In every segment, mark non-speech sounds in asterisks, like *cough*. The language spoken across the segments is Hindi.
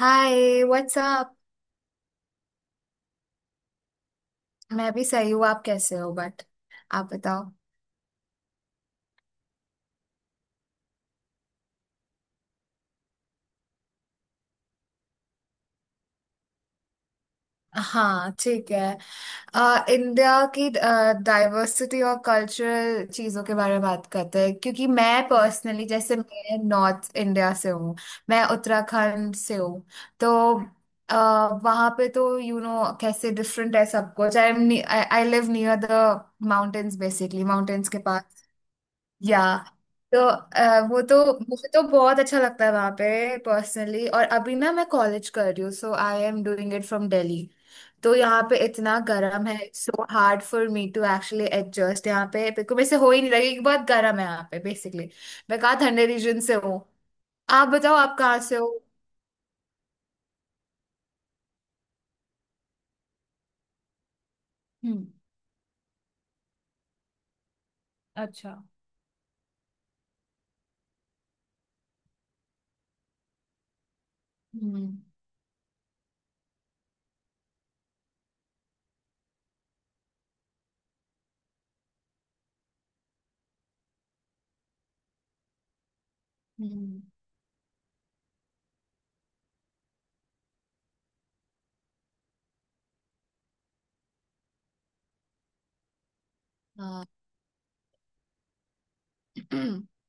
हाय व्हाट्सअप। मैं भी सही हूँ। आप कैसे हो? बट आप बताओ। हाँ ठीक है। इंडिया की डाइवर्सिटी और कल्चरल चीज़ों के बारे में बात करते हैं, क्योंकि मैं पर्सनली जैसे मैं नॉर्थ इंडिया से हूँ। मैं उत्तराखंड से हूँ। तो वहाँ पे तो यू you नो know, कैसे डिफरेंट है सब कुछ। I am, I live near the mountains, basically mountains के पास। या तो वो तो मुझे तो बहुत अच्छा लगता है वहां पे पर्सनली। और अभी ना मैं कॉलेज कर रही हूँ, so I am doing it from Delhi. तो यहाँ पे इतना गर्म है, so hard for me to actually adjust. यहाँ पे बिल्कुल मेरे से हो ही नहीं रही कि बहुत गर्म है यहाँ पे बेसिकली। मैं कहाँ ठंडे रीजन से हूँ। आप बताओ, आप कहाँ से हो? हम्म। अच्छा। हम्म हम्म, हाँ। *clears throat*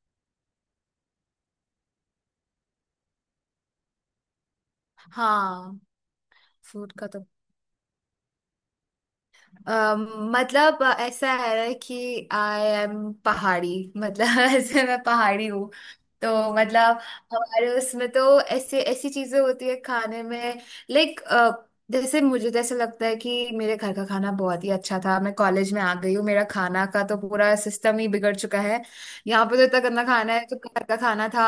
हाँ, फूड का तो अम, मतलब ऐसा है कि आई एम पहाड़ी। मतलब *laughs* ऐसे मैं पहाड़ी हूँ, तो मतलब हमारे उसमें तो ऐसे ऐसी चीजें होती है खाने में। लाइक जैसे मुझे तो ऐसा लगता है कि मेरे घर का खाना बहुत ही अच्छा था। मैं कॉलेज में आ गई हूँ, मेरा खाना का तो पूरा सिस्टम ही बिगड़ चुका है। यहाँ पे तो इतना गंदा खाना है, जो घर का खाना था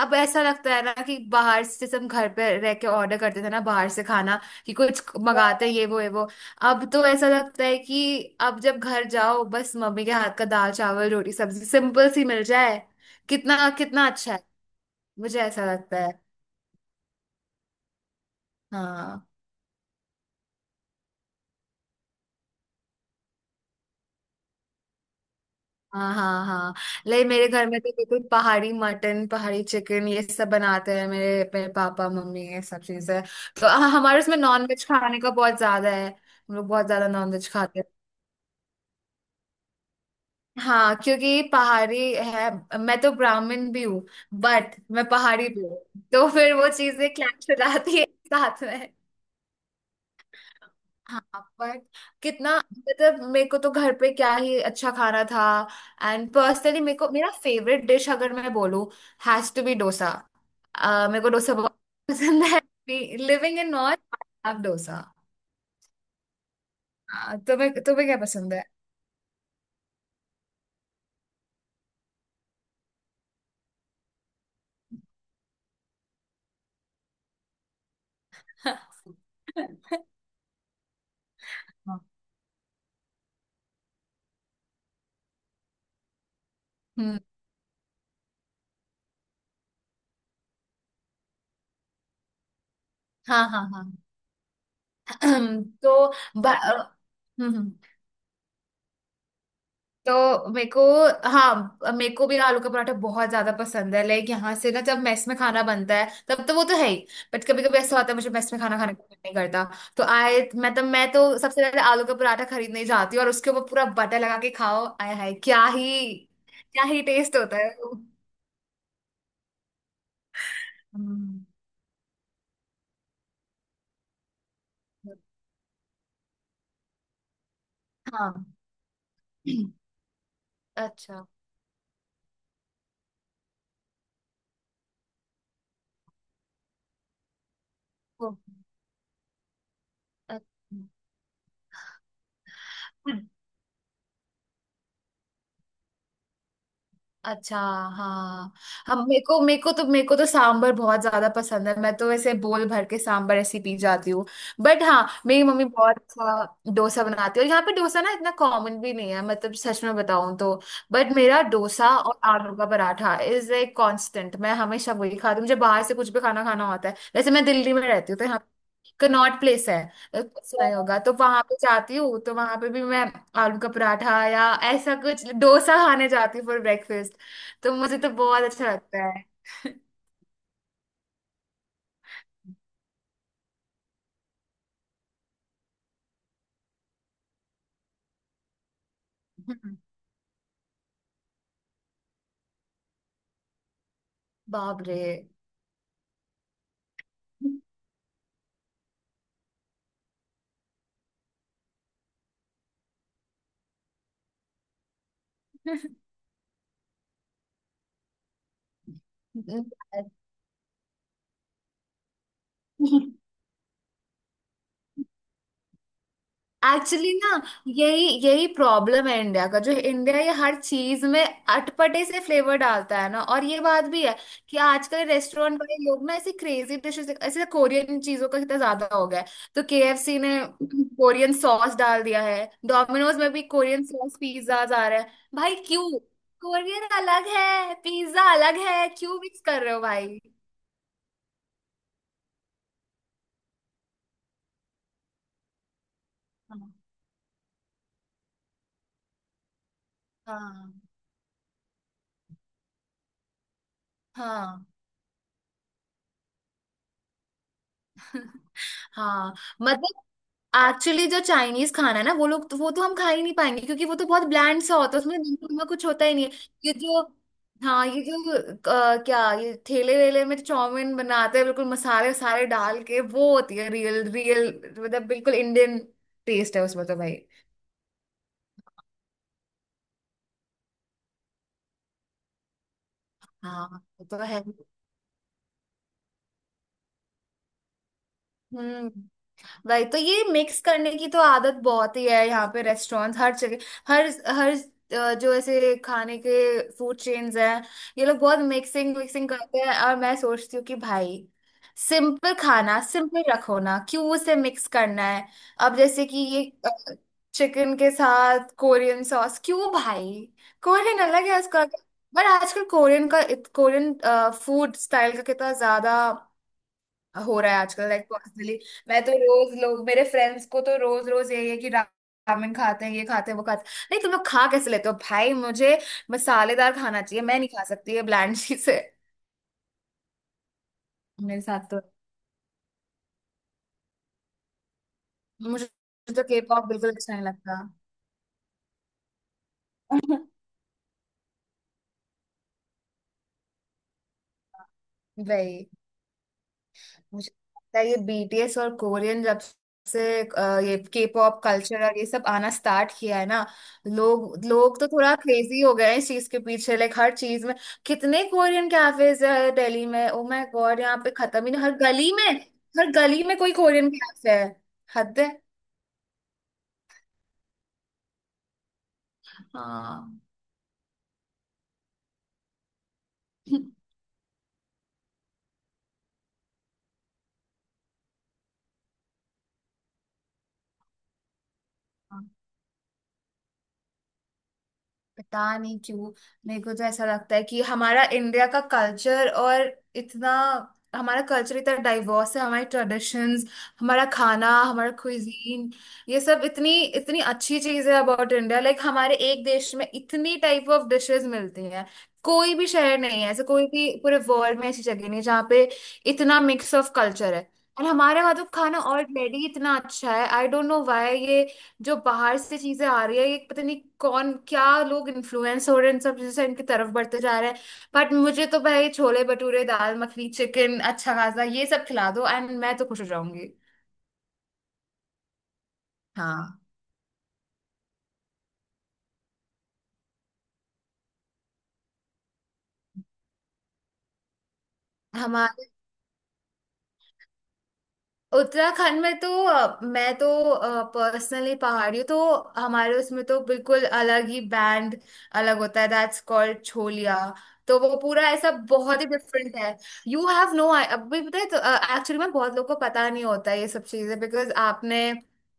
अब ऐसा लगता है ना कि बाहर से जैसे हम घर पे रह के ऑर्डर करते थे ना बाहर से खाना, कि कुछ मंगाते हैं, ये वो ये वो। अब तो ऐसा लगता है कि अब जब घर जाओ, बस मम्मी के हाथ का दाल चावल रोटी सब्जी सिंपल सी मिल जाए, कितना कितना अच्छा है। मुझे ऐसा लगता है। हाँ हाँ हाँ। हाँ ले, मेरे घर में तो बिल्कुल पहाड़ी मटन, पहाड़ी चिकन, ये सब बनाते हैं मेरे, पापा मम्मी ये सब चीजें। तो हाँ, हमारे उसमें नॉन वेज खाने का बहुत ज्यादा है, हम लोग बहुत ज्यादा नॉन वेज खाते हैं। हाँ, क्योंकि पहाड़ी है। मैं तो ब्राह्मण भी हूँ, बट मैं पहाड़ी भी हूँ। तो फिर वो चीजें क्लैश हो जाती है *laughs* साथ में। हाँ बट कितना, मतलब मेरे को तो घर पे क्या ही अच्छा खाना था। एंड पर्सनली मेरे को मेरा फेवरेट डिश अगर मैं बोलूँ, हैज टू बी डोसा। मेरे को डोसा बहुत पसंद है। Living in north, I love dosa. हाँ, तुम्हें तुम्हें क्या पसंद है? *laughs* हम्म। हाँ हाँ हाँ। *clears throat* तो ब- अ, हम्म, हम्म। तो मेरे को, हाँ मेरे को भी आलू का पराठा बहुत ज्यादा पसंद है। लाइक यहाँ से ना जब मेस में खाना बनता है, तब तो वो तो है ही, बट कभी कभी ऐसा होता है मुझे मेस में खाना खाने का मन नहीं करता। तो आए, मैं तो सबसे पहले आलू का पराठा खरीदने ही जाती हूँ और उसके ऊपर पूरा बटर लगा के खाओ, आय हाय, क्या ही, क्या ही टेस्ट होता है वो। हम्म, हाँ। *clears throat* अच्छा। ओ, अच्छा। अच्छा। हाँ। हम मेरे को तो सांभर बहुत ज्यादा पसंद है, मैं तो ऐसे बोल भर के सांभर ऐसी पी जाती हूँ। बट हाँ, मेरी मम्मी बहुत अच्छा डोसा बनाती है, और यहाँ पे डोसा ना इतना कॉमन भी नहीं है, मतलब सच में बताऊँ तो। बट मेरा डोसा और आलू का पराठा इज ए कांस्टेंट, मैं हमेशा वही खाती हूँ। मुझे बाहर से कुछ भी खाना खाना होता है, वैसे मैं दिल्ली में रहती हूँ, तो यहाँ कनॉट प्लेस है, सुना ही होगा, तो वहां पे जाती हूँ। तो वहां पे भी मैं आलू का पराठा या ऐसा कुछ डोसा खाने जाती हूँ फॉर। तो मुझे तो बहुत अच्छा लगता है। *laughs* बाप रे। *laughs* एक्चुअली ना, यही यही प्रॉब्लम है इंडिया का, जो इंडिया ये हर चीज में अटपटे से फ्लेवर डालता है ना। और ये बात भी है कि आजकल रेस्टोरेंट वाले लोग ना ऐसी क्रेजी डिशेस, ऐसे कोरियन चीजों का कितना ज्यादा हो गया है। तो केएफसी ने कोरियन सॉस डाल दिया है, डोमिनोज में भी कोरियन सॉस पिज्जा आ रहे हैं, भाई क्यों? कोरियन अलग है, पिज्जा अलग है, क्यों मिक्स कर रहे हो भाई? हाँ हाँ हाँ। हाँ मतलब, एक्चुअली जो चाइनीज खाना है ना वो लोग तो, वो तो हम खा ही नहीं पाएंगे, क्योंकि वो तो बहुत ब्लैंड सा होता है, उसमें नमक वमक कुछ होता ही नहीं है। ये जो हाँ ये जो क्या ये ठेले वेले में चाउमीन बनाते हैं बिल्कुल मसाले सारे डाल के, वो होती है रियल, रियल मतलब बिल्कुल इंडियन टेस्ट है उसमें, तो भाई। हाँ वो तो है। हम्म, भाई तो ये मिक्स करने की तो आदत बहुत ही है, यहाँ पे रेस्टोरेंट हर जगह, हर हर अ, जो ऐसे खाने के फूड चेन्स हैं, ये लोग बहुत मिक्सिंग मिक्सिंग करते हैं। और मैं सोचती हूँ कि भाई, सिंपल खाना सिंपल रखो ना, क्यों उसे मिक्स करना है? अब जैसे कि ये चिकन के साथ कोरियन सॉस, क्यों भाई? कोरियन अलग है उसका। पर आजकल कोरियन फूड स्टाइल का कितना ज्यादा हो रहा है आजकल, लाइक पर्सनली मैं तो रोज, लोग मेरे फ्रेंड्स को तो रोज रोज यही है कि रामेन खाते हैं, ये खाते हैं, वो खाते हैं। नहीं, तुम लोग खा कैसे लेते हो भाई, मुझे मसालेदार खाना चाहिए, मैं नहीं खा सकती, ये ब्लैंड चीज है। मेरे साथ तो, मुझे तो के पॉप बिल्कुल अच्छा नहीं लगता। *laughs* भाई मुझे लगता है ये बीटीएस और कोरियन जब से, ये के पॉप कल्चर और ये सब आना स्टार्ट किया है ना, लोग लोग तो थोड़ा क्रेजी हो गए हैं इस चीज के पीछे। लाइक हर चीज में कितने कोरियन कैफेज है दिल्ली में, ओ माय गॉड, यहाँ पे खत्म ही नहीं, हर गली में, हर गली में कोई कोरियन कैफे है, हद है। हाँ *laughs* पता नहीं क्यों। मेरे को तो ऐसा लगता है कि हमारा इंडिया का कल्चर और इतना हमारा कल्चर इतना डाइवर्स है, हमारी ट्रेडिशंस, हमारा खाना, हमारा क्विजीन, ये सब इतनी इतनी अच्छी चीज है अबाउट इंडिया। लाइक हमारे एक देश में इतनी टाइप ऑफ डिशेस मिलती हैं, कोई भी शहर नहीं है ऐसे, कोई भी पूरे वर्ल्ड में ऐसी जगह नहीं है जहाँ पे इतना मिक्स ऑफ कल्चर है। और हमारे वहाँ तो खाना ऑलरेडी इतना अच्छा है, आई डोंट नो व्हाई ये जो बाहर से चीजें आ रही है, ये पता नहीं कौन क्या, लोग इन्फ्लुएंस हो रहे हैं इन सब चीजों से, इनकी तरफ बढ़ते जा रहे हैं। बट मुझे तो भाई छोले भटूरे, दाल मखनी, चिकन अच्छा खासा, ये सब खिला दो एंड मैं तो खुश हो जाऊंगी। हाँ हमारे उत्तराखंड में तो मैं तो पर्सनली पहाड़ी हूँ, तो हमारे उसमें तो बिल्कुल अलग ही बैंड, अलग होता है, दैट्स कॉल्ड छोलिया। तो वो पूरा ऐसा बहुत ही डिफरेंट है। यू हैव नो, अभी पता है, तो एक्चुअली में बहुत लोगों को पता नहीं होता है ये सब चीजें, बिकॉज आपने,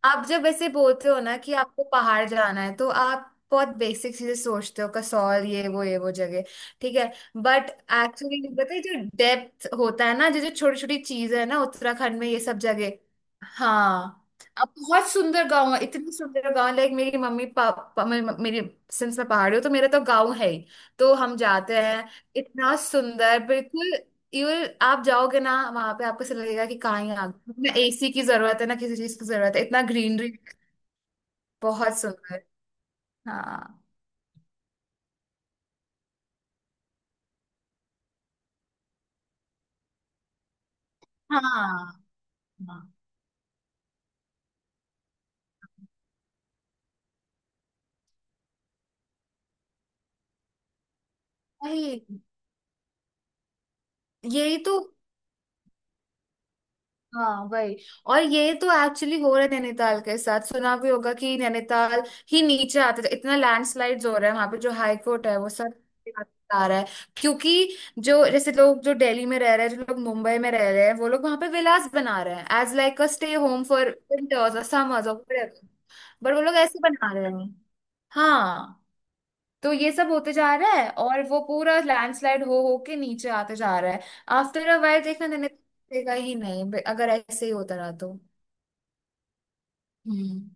आप जब ऐसे बोलते हो ना कि आपको पहाड़ जाना है, तो आप बहुत बेसिक चीजें सोचते हो, कसौल, ये वो जगह, ठीक है। बट एक्चुअली पता है जो डेप्थ होता है ना, जो जो छोटी छोटी चीज है ना उत्तराखंड में, ये सब जगह। हाँ, अब बहुत सुंदर गांव है, इतने सुंदर गांव। लाइक मेरी मम्मी पापा, मेरी, सिंस मैं पहाड़ी हूँ तो मेरा तो गांव है ही, तो हम जाते हैं। इतना सुंदर, बिल्कुल यू, आप जाओगे ना वहां पे, आपको ऐसा लगेगा कि कहाँ ही आ गए, ना एसी की जरूरत है, ना किसी चीज की जरूरत है, इतना ग्रीनरी। बहुत सुंदर। हाँ हाँ हाँ। वही, यही तो, हाँ वही। और ये तो एक्चुअली हो रहा है नैनीताल के साथ, सुना भी होगा कि नैनीताल ही नीचे आते थे, इतना लैंडस्लाइड्स हो रहा है वहां पे, जो हाई कोर्ट है वो सब आ रहा है। क्योंकि जो जैसे लोग जो दिल्ली में रह रहे हैं, जो लोग मुंबई में रह रहे हैं, वो लोग वहां पे विलास बना रहे हैं as like a stay home for winters और समर्स और, बट वो लोग ऐसे बना रहे हैं। हाँ तो ये सब होते जा रहा है और वो पूरा लैंडस्लाइड हो के नीचे आते जा रहा है। आफ्टर अ वाइल देखना, नहीं नहीं, दिखेगा ही नहीं अगर ऐसे ही होता रहा तो। हम्म।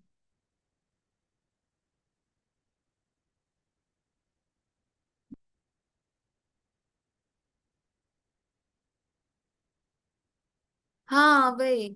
हाँ वही।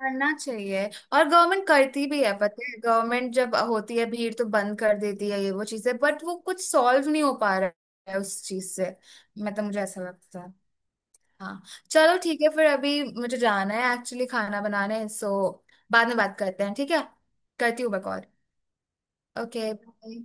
करना चाहिए। और गवर्नमेंट करती भी है, पता है गवर्नमेंट जब होती है भीड़ तो बंद कर देती है ये वो चीजें, बट वो कुछ सॉल्व नहीं हो पा रहा है उस चीज से। मतलब मुझे ऐसा लगता है। हाँ चलो ठीक है, फिर अभी मुझे जाना है एक्चुअली, खाना बनाने, सो बाद में बात करते हैं, ठीक है? करती हूँ मैं कॉल। ओके।